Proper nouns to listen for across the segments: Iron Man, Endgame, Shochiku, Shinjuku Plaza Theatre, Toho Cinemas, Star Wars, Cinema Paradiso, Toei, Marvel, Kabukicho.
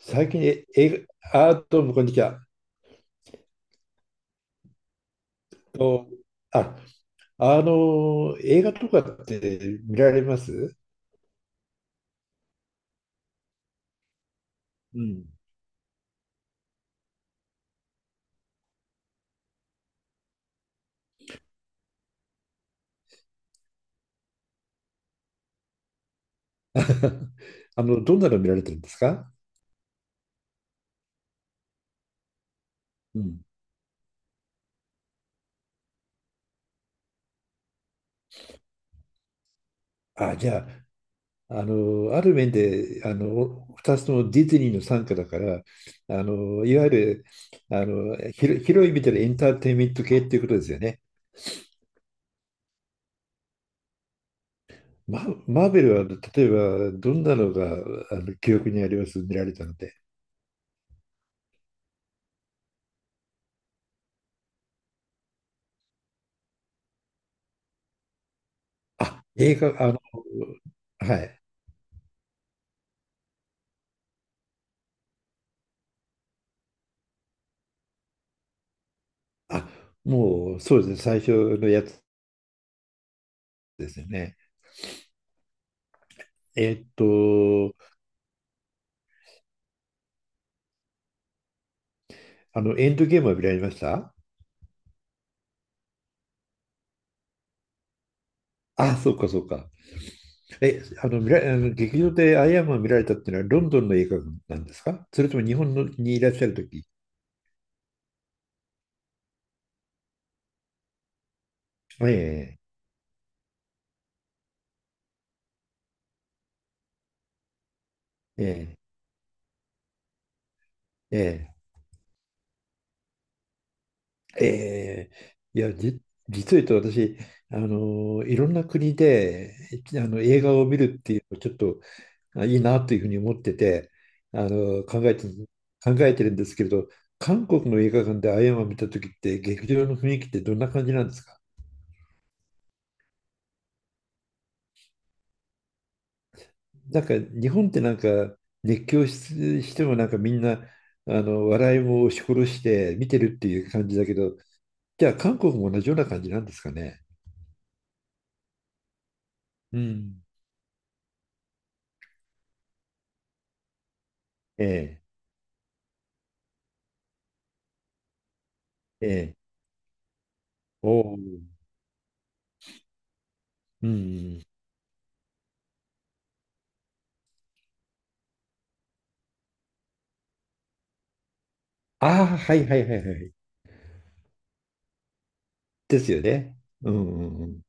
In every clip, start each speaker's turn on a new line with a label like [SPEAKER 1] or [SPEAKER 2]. [SPEAKER 1] 最近え映画、あ、どうもこんにちは。と、あ、あの、映画とかって見られます？ うん、どんなの見られてるんですか？うん。あ、じゃあ、ある面で、2つともディズニーの傘下だから、いわゆる、広い意味でのエンターテインメント系っていうことですよね。マーベルは、例えば、どんなのが、記憶にあります？見られたので。あ、映画、あの、はい。あ、もうそうですね、最初のやつですよね。えーっと、エンドゲームは見られました？あ、そうかそうか。え、あの、見ら、あの劇場でアイアンマン見られたっていうのはロンドンの映画なんですか、それとも日本のにいらっしゃるとき？ええ、ええ、ええ、ええ、いや、実を言うと私、いろんな国で、映画を見るっていうのをちょっとあいいなというふうに思ってて、あの、考えて、考えてるんですけれど、韓国の映画館でアイアンマン見た時って劇場の雰囲気ってどんな感じなんですか？なんか日本ってなんか熱狂し、してもなんかみんなあの笑いも押し殺して見てるっていう感じだけど、じゃあ韓国も同じような感じなんですかね。うん。ええ、ええ。おお。うん。ああ、はいはいはいはい。ですよね。うんうんうん。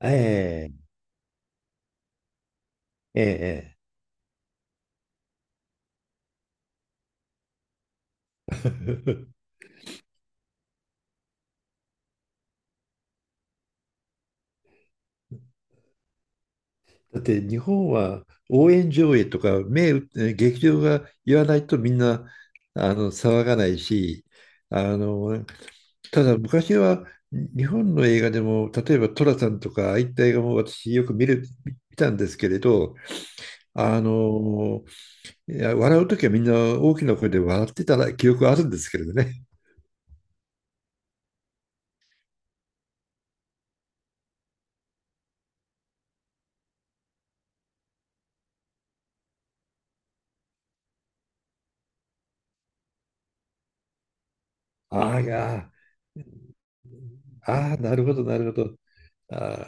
[SPEAKER 1] ええ、ええ、ええ。だって日本は応援上映とか目打って劇場が言わないとみんな騒がないし、あのただ昔は日本の映画でも例えば寅さんとかああいった映画も私よく見たんですけれど、あのいや笑う時はみんな大きな声で笑ってたら記憶はあるんですけれどね。ああ、いやー、ああ、なるほど、なるほど。あ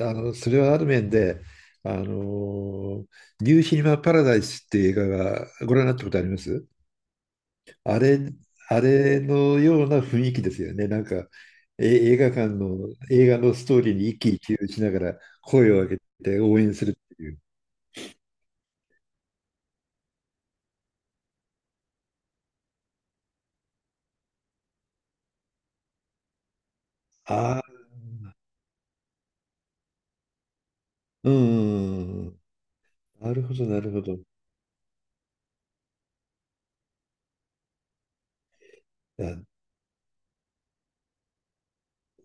[SPEAKER 1] あ、それはある面で、あのーニューシネマ・パラダイスっていう映画がご覧になったことあります？あれ、あれのような雰囲気ですよね。なんか、え映画館の、映画のストーリーに一喜一憂しながら声を上げて応援するっていう。ああ、うんうんうん、なるほど、なるほど。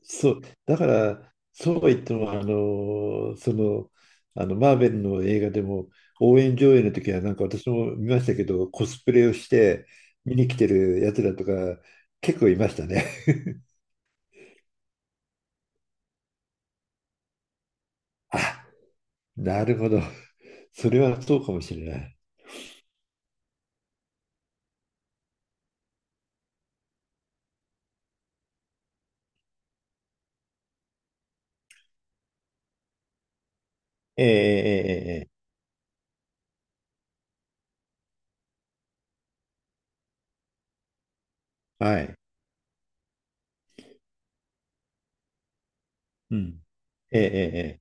[SPEAKER 1] そう、だから、そうは言っても、マーベルの映画でも、応援上映の時は、なんか私も見ましたけど、コスプレをして、見に来てるやつらとか、結構いましたね。あ、なるほど。それはそうかもしれない。ええええええええ、はい。うん。ええええええ、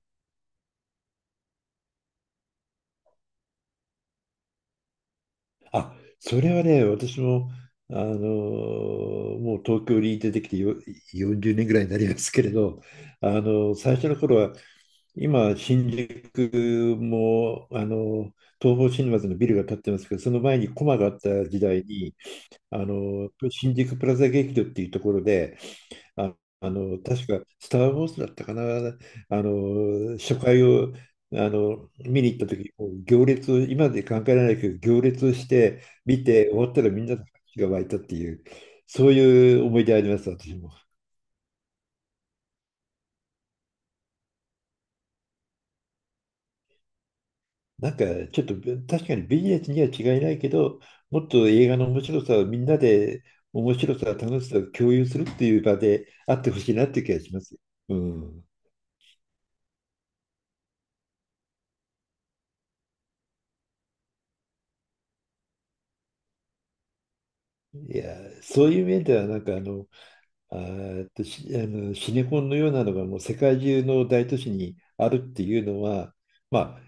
[SPEAKER 1] あ、それはね、私も、もう東京に出てきてよ40年ぐらいになりますけれど、あの最初の頃は、今、新宿も、ー東宝シネマズのビルが建ってますけど、その前にコマがあった時代に、新宿プラザ劇場っていうところで、あ、確か、スター・ウォーズだったかな、初回を、見に行った時、もう行列を、今まで考えられないけど、行列をして、見て、終わったらみんなの拍手が湧いたっていう、そういう思い出あります、私も。なんか、ちょっと、確かにビジネスには違いないけど、もっと映画の面白さをみんなで、面白さ、楽しさを共有するっていう場であってほしいなっていう気がします。うん。いや、そういう面では、なんか、あの、あーえっと、しあの、シネコンのようなのがもう世界中の大都市にあるっていうのは、ま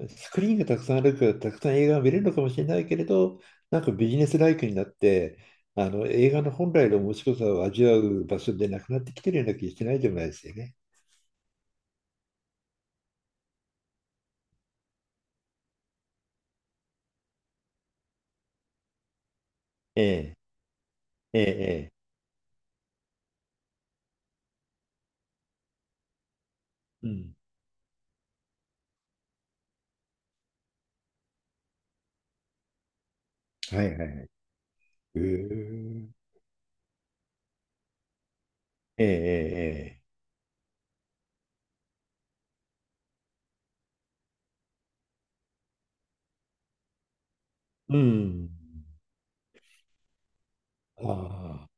[SPEAKER 1] あ、スクリーンがたくさんあるからたくさん映画が見れるのかもしれないけれど、なんかビジネスライクになって、あの映画の本来の面白さを味わう場所でなくなってきてるような気がしないでもないですよね。ええ、ええ、ええ、うん。はいはいはい。へえええ、ええ、ええ、うん。ああ、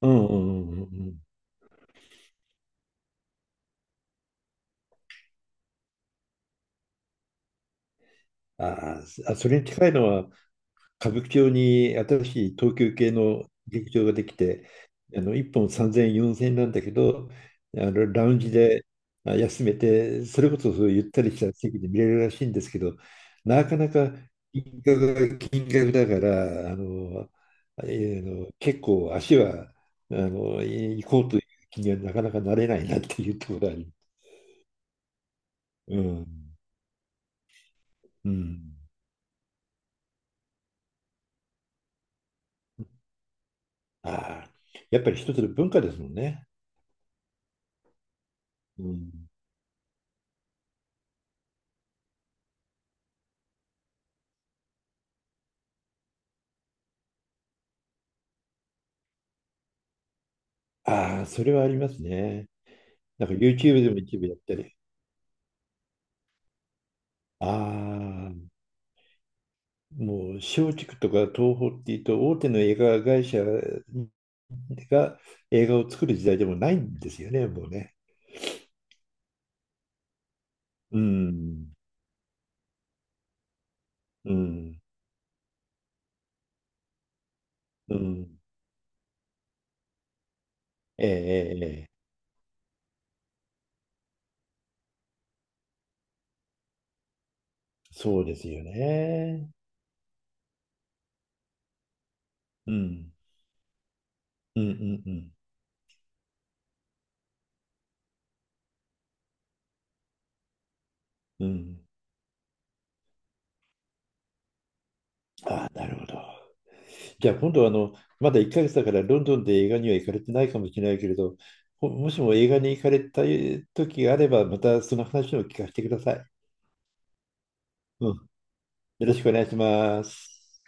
[SPEAKER 1] うん、うん、うんうんうん。あそれに近いのは、歌舞伎町に新しい東急系の劇場ができて、1本3000円、4000円なんだけど、ラウンジで休めて、それこそそういうゆったりした席で見れるらしいんですけど、なかなか金額が金額だから、あの、えーの結構足はあのい行こうという気にはなかなかなれないなっていうところがあり、うん、うん、ああ、やっぱり一つの文化ですもんね。うん、ああ、それはありますね。なんか YouTube でも一部やったり。ああ、もう松竹とか東宝っていうと大手の映画会社が映画を作る時代でもないんですよね、もうね。うん、うん、うん。ええ、ええええ、そうですよね。うん、うん、うん、うん。うん、ああ、なるほど。じゃあ今度はまだ1ヶ月だからロンドンで映画には行かれてないかもしれないけれど、もしも映画に行かれた時があれば、またその話を聞かせてください。うん。よろしくお願いします。